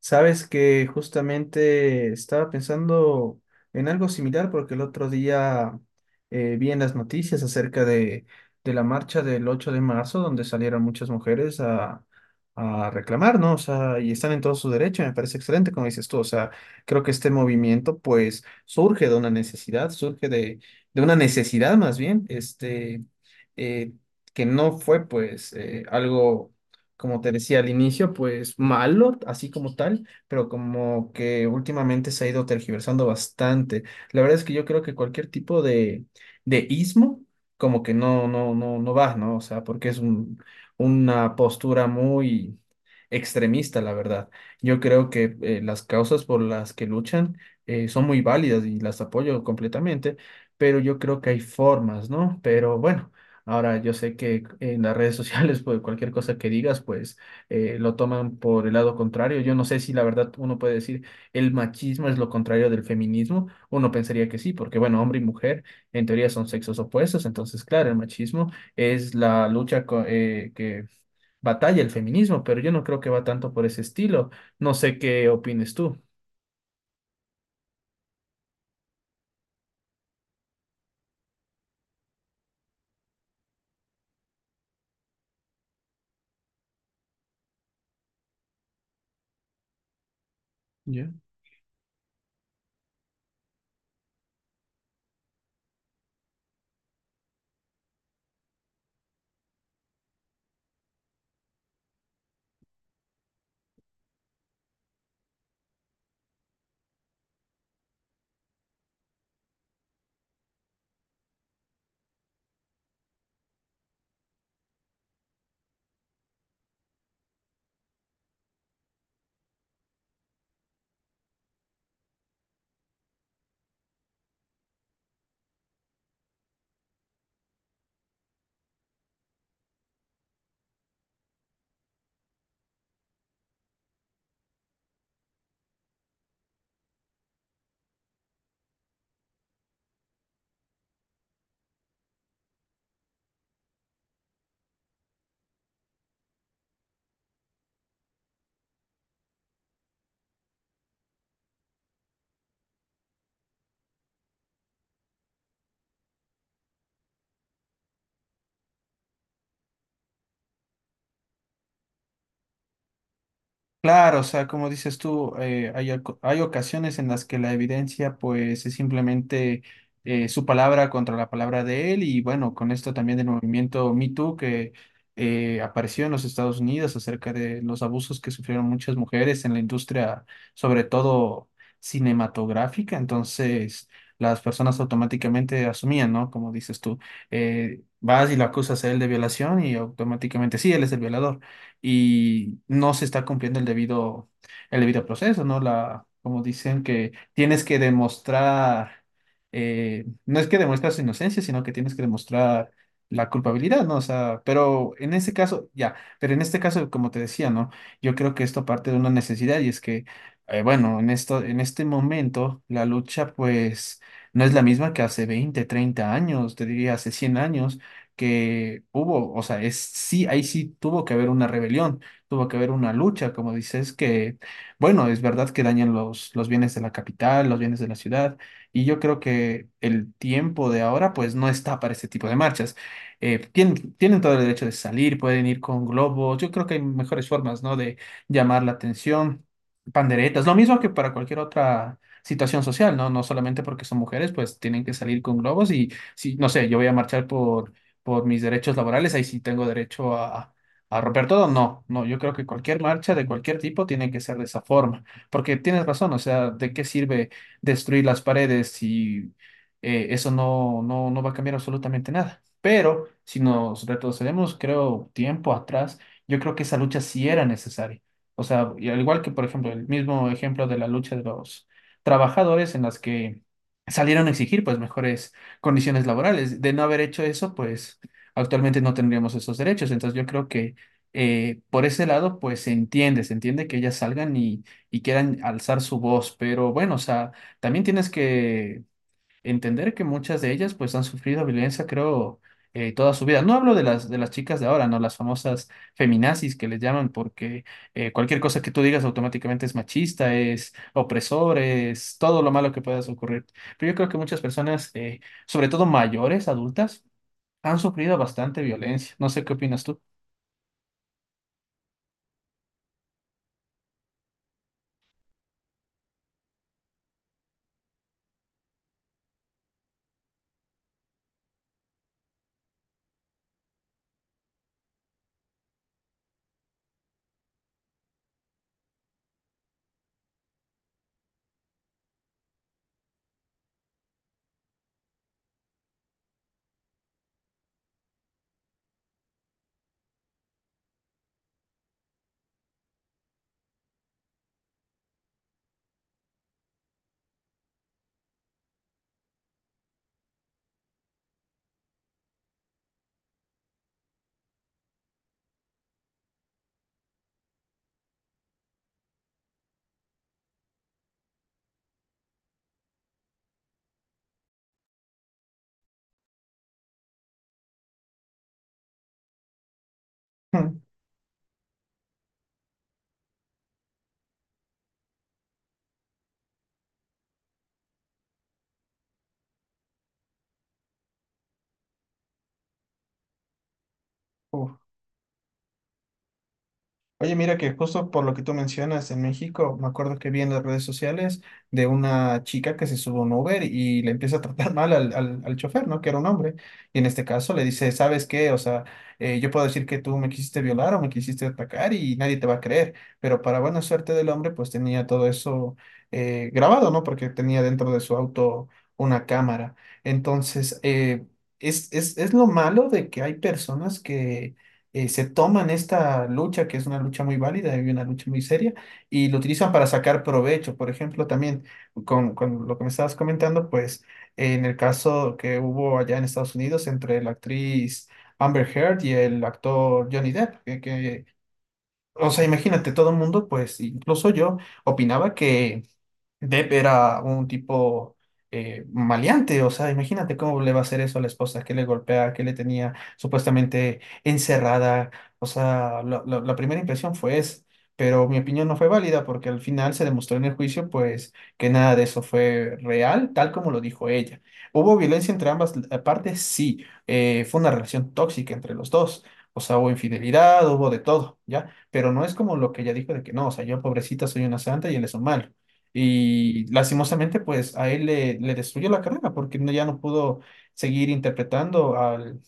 Sabes que justamente estaba pensando en algo similar porque el otro día vi en las noticias acerca de la marcha del 8 de marzo donde salieron muchas mujeres a reclamar, ¿no? O sea, y están en todo su derecho, me parece excelente como dices tú, o sea, creo que este movimiento pues surge de una necesidad, surge de una necesidad más bien, eh, que no fue pues algo como te decía al inicio, pues malo, así como tal, pero como que últimamente se ha ido tergiversando bastante. La verdad es que yo creo que cualquier tipo de ismo, como que no va, ¿no? O sea, porque es una postura muy extremista, la verdad. Yo creo que las causas por las que luchan son muy válidas y las apoyo completamente, pero yo creo que hay formas, ¿no? Pero bueno. Ahora, yo sé que en las redes sociales, pues cualquier cosa que digas, pues lo toman por el lado contrario. Yo no sé si la verdad uno puede decir el machismo es lo contrario del feminismo. Uno pensaría que sí, porque bueno, hombre y mujer en teoría son sexos opuestos. Entonces, claro, el machismo es la que batalla el feminismo, pero yo no creo que va tanto por ese estilo. No sé qué opines tú. Ya. Claro, o sea, como dices tú, hay, hay ocasiones en las que la evidencia pues es simplemente su palabra contra la palabra de él y bueno, con esto también del movimiento Me Too que apareció en los Estados Unidos acerca de los abusos que sufrieron muchas mujeres en la industria, sobre todo cinematográfica. Entonces las personas automáticamente asumían, ¿no? Como dices tú, vas y lo acusas a él de violación y automáticamente sí, él es el violador y no se está cumpliendo el debido proceso, ¿no? La, como dicen que tienes que demostrar, no es que demuestras inocencia, sino que tienes que demostrar la culpabilidad, ¿no? O sea, pero en ese caso, ya, pero en este caso, como te decía, ¿no? Yo creo que esto parte de una necesidad y es que, bueno, en esto, en este momento, la lucha, pues, no es la misma que hace 20 30 años, te diría hace 100 años, que hubo, o sea, es sí, ahí sí tuvo que haber una rebelión, tuvo que haber una lucha, como dices, que, bueno, es verdad que dañan los bienes de la capital, los bienes de la ciudad, y yo creo que el tiempo de ahora, pues, no está para este tipo de marchas. Tienen, tienen todo el derecho de salir, pueden ir con globos, yo creo que hay mejores formas, ¿no? De llamar la atención, panderetas, lo mismo que para cualquier otra situación social, ¿no? No solamente porque son mujeres, pues tienen que salir con globos y si, no sé, yo voy a marchar por mis derechos laborales, ahí sí tengo derecho a romper todo. No, no, yo creo que cualquier marcha de cualquier tipo tiene que ser de esa forma, porque tienes razón, o sea, ¿de qué sirve destruir las paredes si eso no va a cambiar absolutamente nada? Pero si nos retrocedemos, creo, tiempo atrás, yo creo que esa lucha sí era necesaria. O sea, y al igual que, por ejemplo, el mismo ejemplo de la lucha de los trabajadores en las que salieron a exigir pues mejores condiciones laborales. De no haber hecho eso, pues actualmente no tendríamos esos derechos. Entonces yo creo que por ese lado, pues se entiende que ellas salgan y quieran alzar su voz, pero bueno, o sea, también tienes que entender que muchas de ellas pues han sufrido violencia, creo, toda su vida. No hablo de las chicas de ahora, ¿no? Las famosas feminazis que les llaman porque cualquier cosa que tú digas automáticamente es machista, es opresor, es todo lo malo que puedas ocurrir. Pero yo creo que muchas personas, sobre todo mayores, adultas, han sufrido bastante violencia. No sé qué opinas tú. Uf. Oye, mira que justo por lo que tú mencionas en México, me acuerdo que vi en las redes sociales de una chica que se sube a un Uber y le empieza a tratar mal al, al, al chofer, ¿no? Que era un hombre. Y en este caso le dice, ¿sabes qué? O sea, yo puedo decir que tú me quisiste violar o me quisiste atacar y nadie te va a creer. Pero para buena suerte del hombre, pues tenía todo eso grabado, ¿no? Porque tenía dentro de su auto una cámara. Entonces, es lo malo de que hay personas que se toman esta lucha, que es una lucha muy válida y una lucha muy seria, y lo utilizan para sacar provecho. Por ejemplo, también con lo que me estabas comentando, pues en el caso que hubo allá en Estados Unidos entre la actriz Amber Heard y el actor Johnny Depp, que, o sea, imagínate, todo el mundo, pues incluso yo, opinaba que... Depp era un tipo maleante, o sea, imagínate cómo le va a hacer eso a la esposa, que le golpea, que le tenía supuestamente encerrada, o sea, la primera impresión fue esa, pero mi opinión no fue válida porque al final se demostró en el juicio, pues, que nada de eso fue real, tal como lo dijo ella. ¿Hubo violencia entre ambas partes? Sí, fue una relación tóxica entre los dos. O sea, hubo infidelidad, hubo de todo, ¿ya? Pero no es como lo que ella dijo de que no, o sea, yo pobrecita soy una santa y él es un malo. Y lastimosamente, pues a él le, le destruyó la carrera porque ya no pudo seguir interpretando al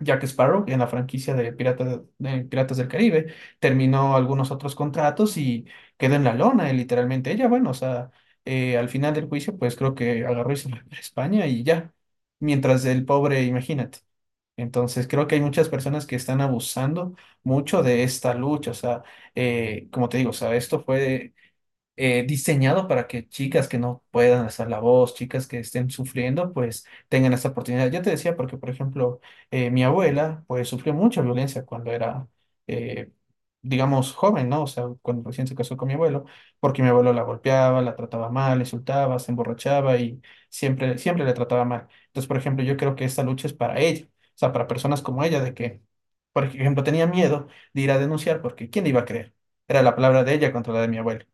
Jack Sparrow en la franquicia de, de Piratas del Caribe. Terminó algunos otros contratos y quedó en la lona, literalmente. Ella, bueno, o sea, al final del juicio, pues creo que agarró y se fue a España y ya. Mientras el pobre, imagínate. Entonces, creo que hay muchas personas que están abusando mucho de esta lucha. O sea, como te digo, o sea, esto fue diseñado para que chicas que no puedan hacer la voz, chicas que estén sufriendo, pues tengan esta oportunidad. Yo te decía porque, por ejemplo, mi abuela, pues sufrió mucha violencia cuando era, eh, digamos, joven, ¿no? O sea, cuando recién se casó con mi abuelo, porque mi abuelo la golpeaba, la trataba mal, le insultaba, se emborrachaba y siempre, siempre le trataba mal. Entonces, por ejemplo, yo creo que esta lucha es para ella, o sea, para personas como ella, de que, por ejemplo, tenía miedo de ir a denunciar porque ¿quién le iba a creer? Era la palabra de ella contra la de mi abuelo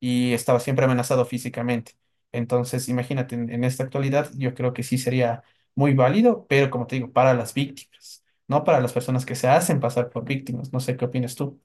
y estaba siempre amenazado físicamente. Entonces, imagínate, en esta actualidad yo creo que sí sería muy válido, pero como te digo, para las víctimas, no para las personas que se hacen pasar por víctimas. No sé qué opinas tú.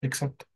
Exacto.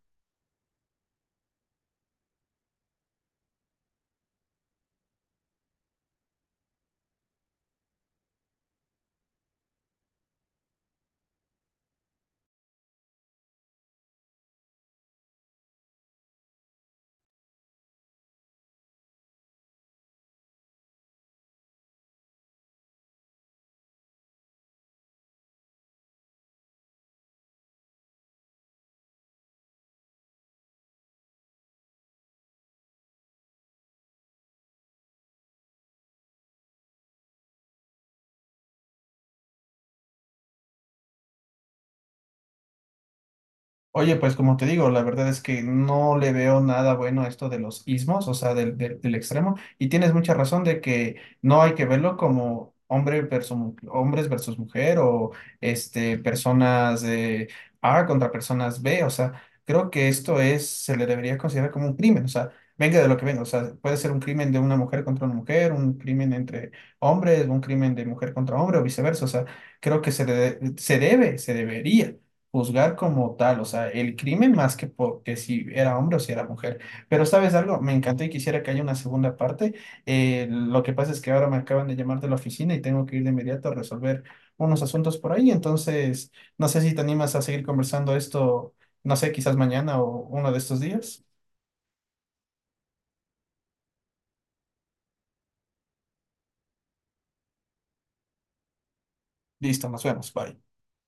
Oye, pues como te digo, la verdad es que no le veo nada bueno a esto de los ismos, o sea, del extremo, y tienes mucha razón de que no hay que verlo como hombre versus, hombres versus mujer o este, personas A contra personas B, o sea, creo que esto es, se le debería considerar como un crimen, o sea, venga de lo que venga, o sea, puede ser un crimen de una mujer contra una mujer, un crimen entre hombres, un crimen de mujer contra hombre o viceversa, o sea, creo que se, se debe, se debería juzgar como tal, o sea, el crimen más que, que si era hombre o si era mujer. Pero ¿sabes algo? Me encantó y quisiera que haya una segunda parte. Lo que pasa es que ahora me acaban de llamar de la oficina y tengo que ir de inmediato a resolver unos asuntos por ahí. Entonces, no sé si te animas a seguir conversando esto, no sé, quizás mañana o uno de estos días. Listo, nos vemos. Bye.